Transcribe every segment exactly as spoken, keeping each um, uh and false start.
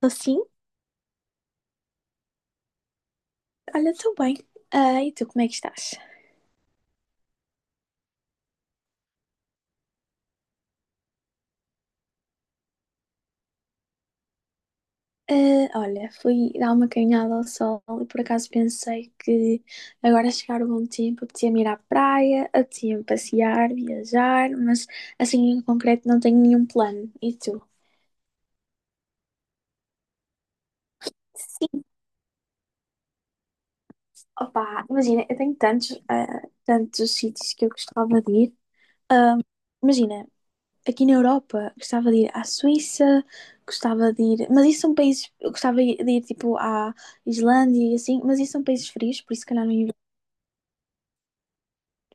Tô sim, olha, estou bem. Ah, e tu, como é que estás? Ah, olha, fui dar uma caminhada ao sol e por acaso pensei que agora a chegar o bom tempo, apetecia-me ir à praia, apetecia-me passear, viajar, mas assim em concreto não tenho nenhum plano. E tu? Sim, opá, imagina, eu tenho tantos, ah, tantos sítios que eu gostava de ir. Ah, imagina, aqui na Europa. Gostava de ir à Suíça, gostava de ir. Mas isso são países. Eu gostava de ir tipo à Islândia e assim, mas isso são países frios, por isso que calhar não ia.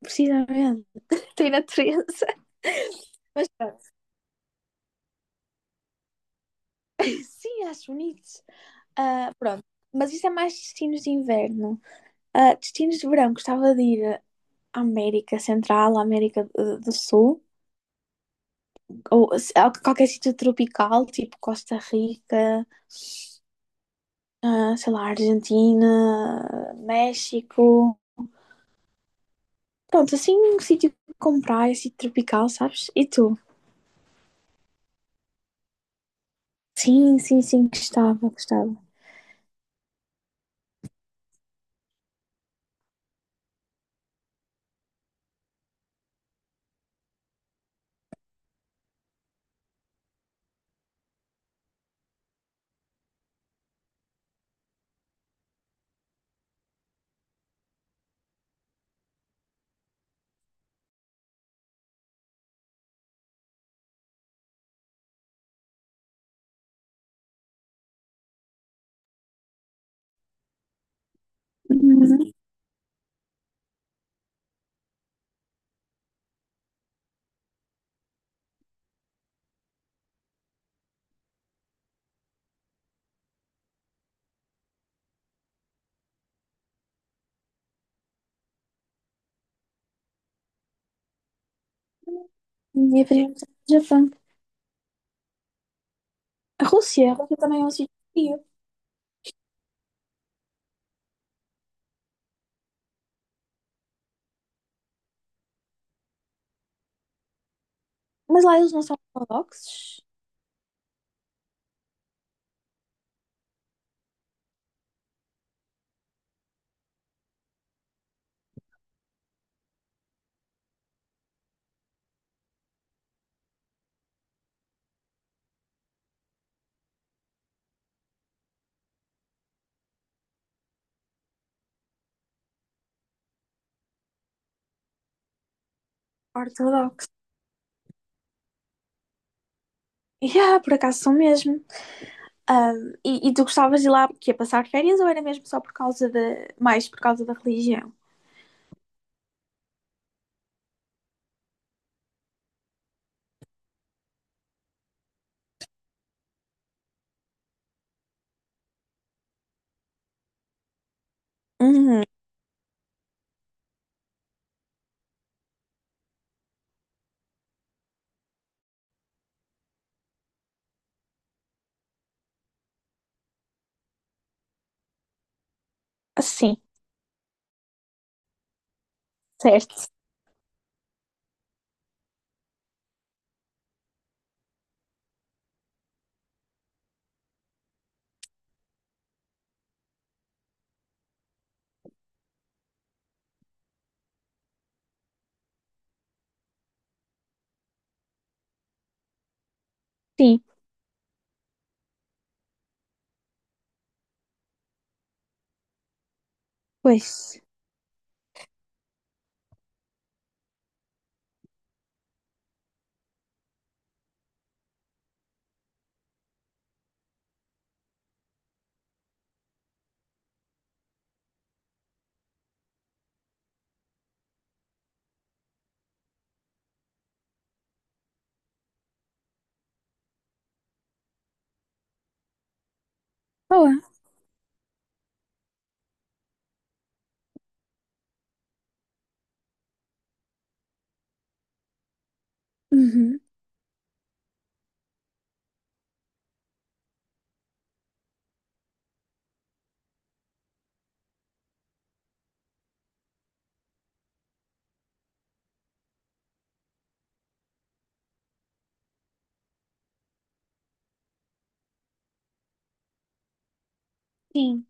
Precisamente. Tem natureza. Mas pronto. Sim, acho bonito. Ah, pronto. Mas isso é mais destinos de inverno. Ah, destinos de verão, gostava de ir à América Central, à América eh, do Sul, ou a qualquer sítio tropical, tipo Costa Rica, ah, sei lá, Argentina, México. Pronto, assim um sítio com praia, sítio tropical, sabes? E tu? Sim, sim, sim, gostava, gostava. Uhum. E faríamos no Japão. A Rússia, a Rússia também é um sítio frio. Mas lá eles não são ortodoxos. Ortodoxos. Yeah, por acaso são mesmo. Ahm, e, e tu gostavas de ir lá porque ia passar férias ou era mesmo só por causa da, mais por causa da religião? Uhum. Sim, certo. Sim, pois. Boa. Uhum. Sim,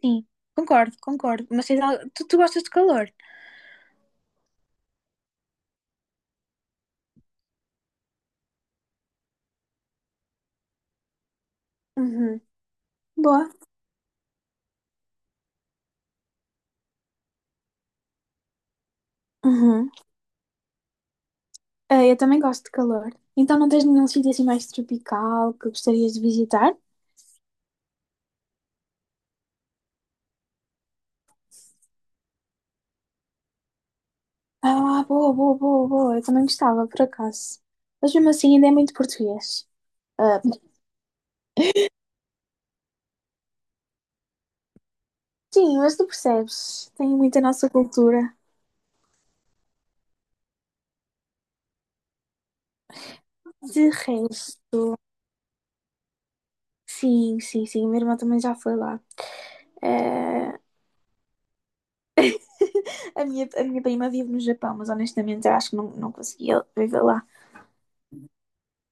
sim. Concordo, concordo. Mas tens al- tu, tu gostas de calor? Uhum. Boa. Uhum. Ah, eu também gosto de calor. Então não tens nenhum sítio assim mais tropical que gostarias de visitar? Ah, boa, boa, boa, boa. Eu também gostava, por acaso. Mas mesmo assim ainda é muito português. Ah, sim, mas tu percebes. Tem muito a nossa cultura. De resto. Sim, sim, sim. Minha irmã também já foi lá. Eh, A minha, a minha prima vive no Japão, mas honestamente eu acho que não, não conseguia viver lá.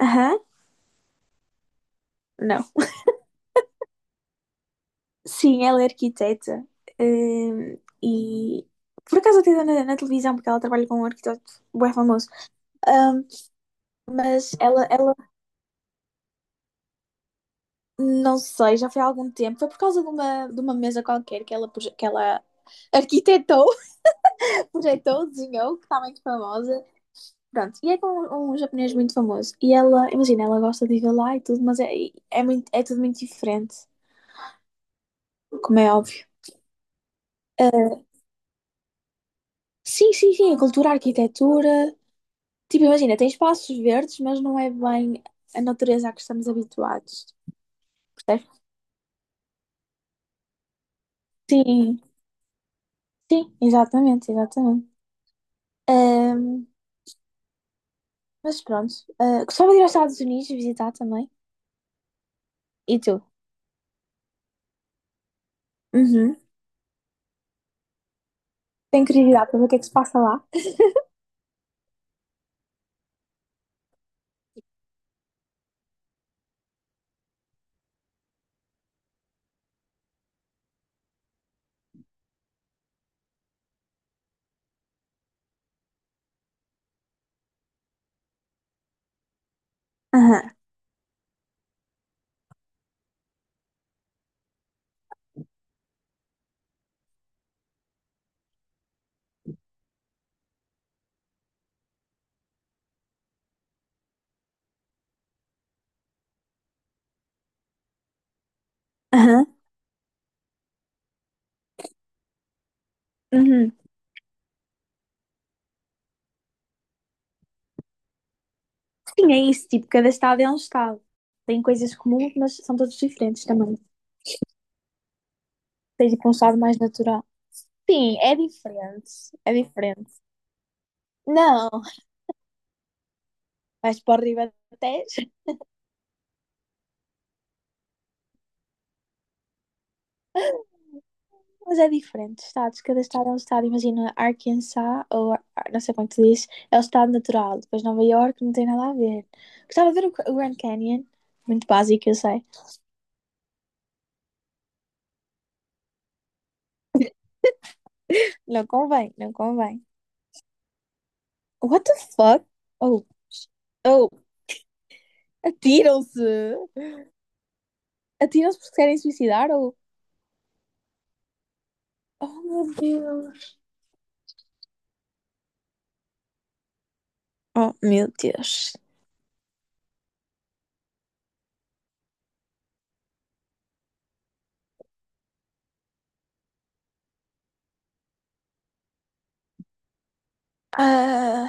Aham. Sim, ela é arquiteta. hum, e por acaso até dá na, na televisão, porque ela trabalha com um arquiteto bem famoso. Hum, mas ela, ela, não sei, já foi há algum tempo. Foi por causa de uma, de uma mesa qualquer que ela, proje- que ela arquitetou, projetou, desenhou, que está muito famosa. Pronto, e é com um um japonês muito famoso. E ela, imagina, ela gosta de ir lá e tudo, mas é, é, muito, é tudo muito diferente, como é óbvio. Hum. Sim, sim, sim, a cultura, a arquitetura. Tipo, imagina, tem espaços verdes, mas não é bem a natureza a que estamos habituados. Percebes? Sim, sim, exatamente, exatamente. Ahm, mas pronto, ah, gostava de ir aos Estados Unidos visitar também. E tu? Uhum. Tenho curiosidade para ver o que é que se passa lá. Aham, aham, uhum. Sim, é isso, tipo, cada estado é um estado. Tem coisas comuns, mas são todos diferentes também. Tens tipo um estado mais natural. Sim, é diferente, é diferente. Não, vais para o Ribatejo. Mas é diferente, estados. Cada estado é um estado. Imagina, Arkansas, ou Ar- não sei como é que se diz, é o estado natural. Depois Nova York não tem nada a ver. Gostava de ver o o Grand Canyon. Muito básico, eu sei. Não convém, não convém. What the fuck? Oh, oh, atiram-se! Atiram-se porque querem suicidar ou. Oh, meu Deus! Oh, meu Deus. Ah,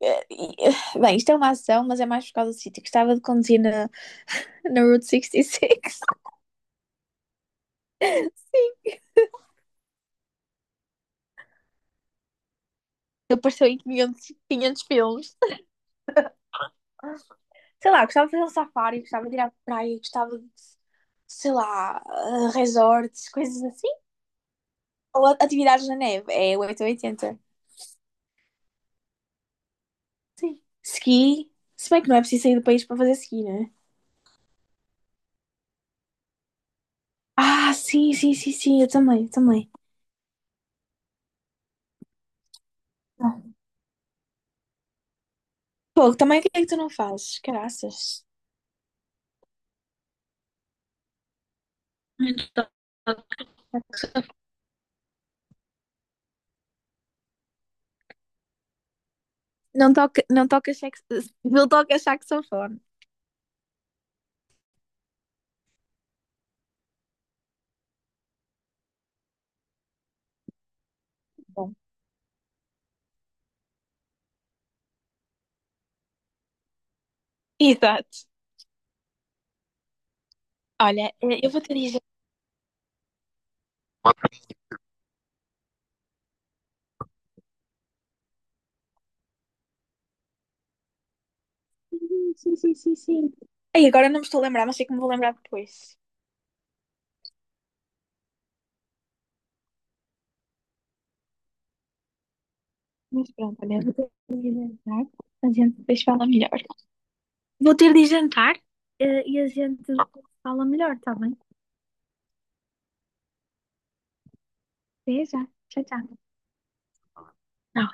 eh, eh, bem, isto é uma ação, mas é mais por causa do sítio. Gostava de conduzir na, na Route sessenta e seis. Sim, eu apareceu em quinhentos, quinhentos filmes. Sei lá, gostava de fazer um safari, gostava de ir à praia, gostava de, sei lá, eh, resorts, coisas assim. Ou atividades na neve, é oitocentos e oitenta. Ski, se bem que não é preciso sair do país para fazer ski, né? Ah, sim, sim, sim, sim, eu também, eu também. Ah. Pô, também o que é que tu não fazes? Caraças. Não toca, não toca sax- não toca saxofone. Bom. Exato. Olha, eh, eu vou te dizer. Sim, sim, sim, sim, sim. Ei, agora não me estou a lembrar, mas sei que me vou lembrar depois. Mas pronto, olha, vou ter de ir jantar. A gente depois fala melhor. Vou ter de ir jantar, eh, e a gente fala melhor, está bem? Até já. Tchau, tchau. Tá.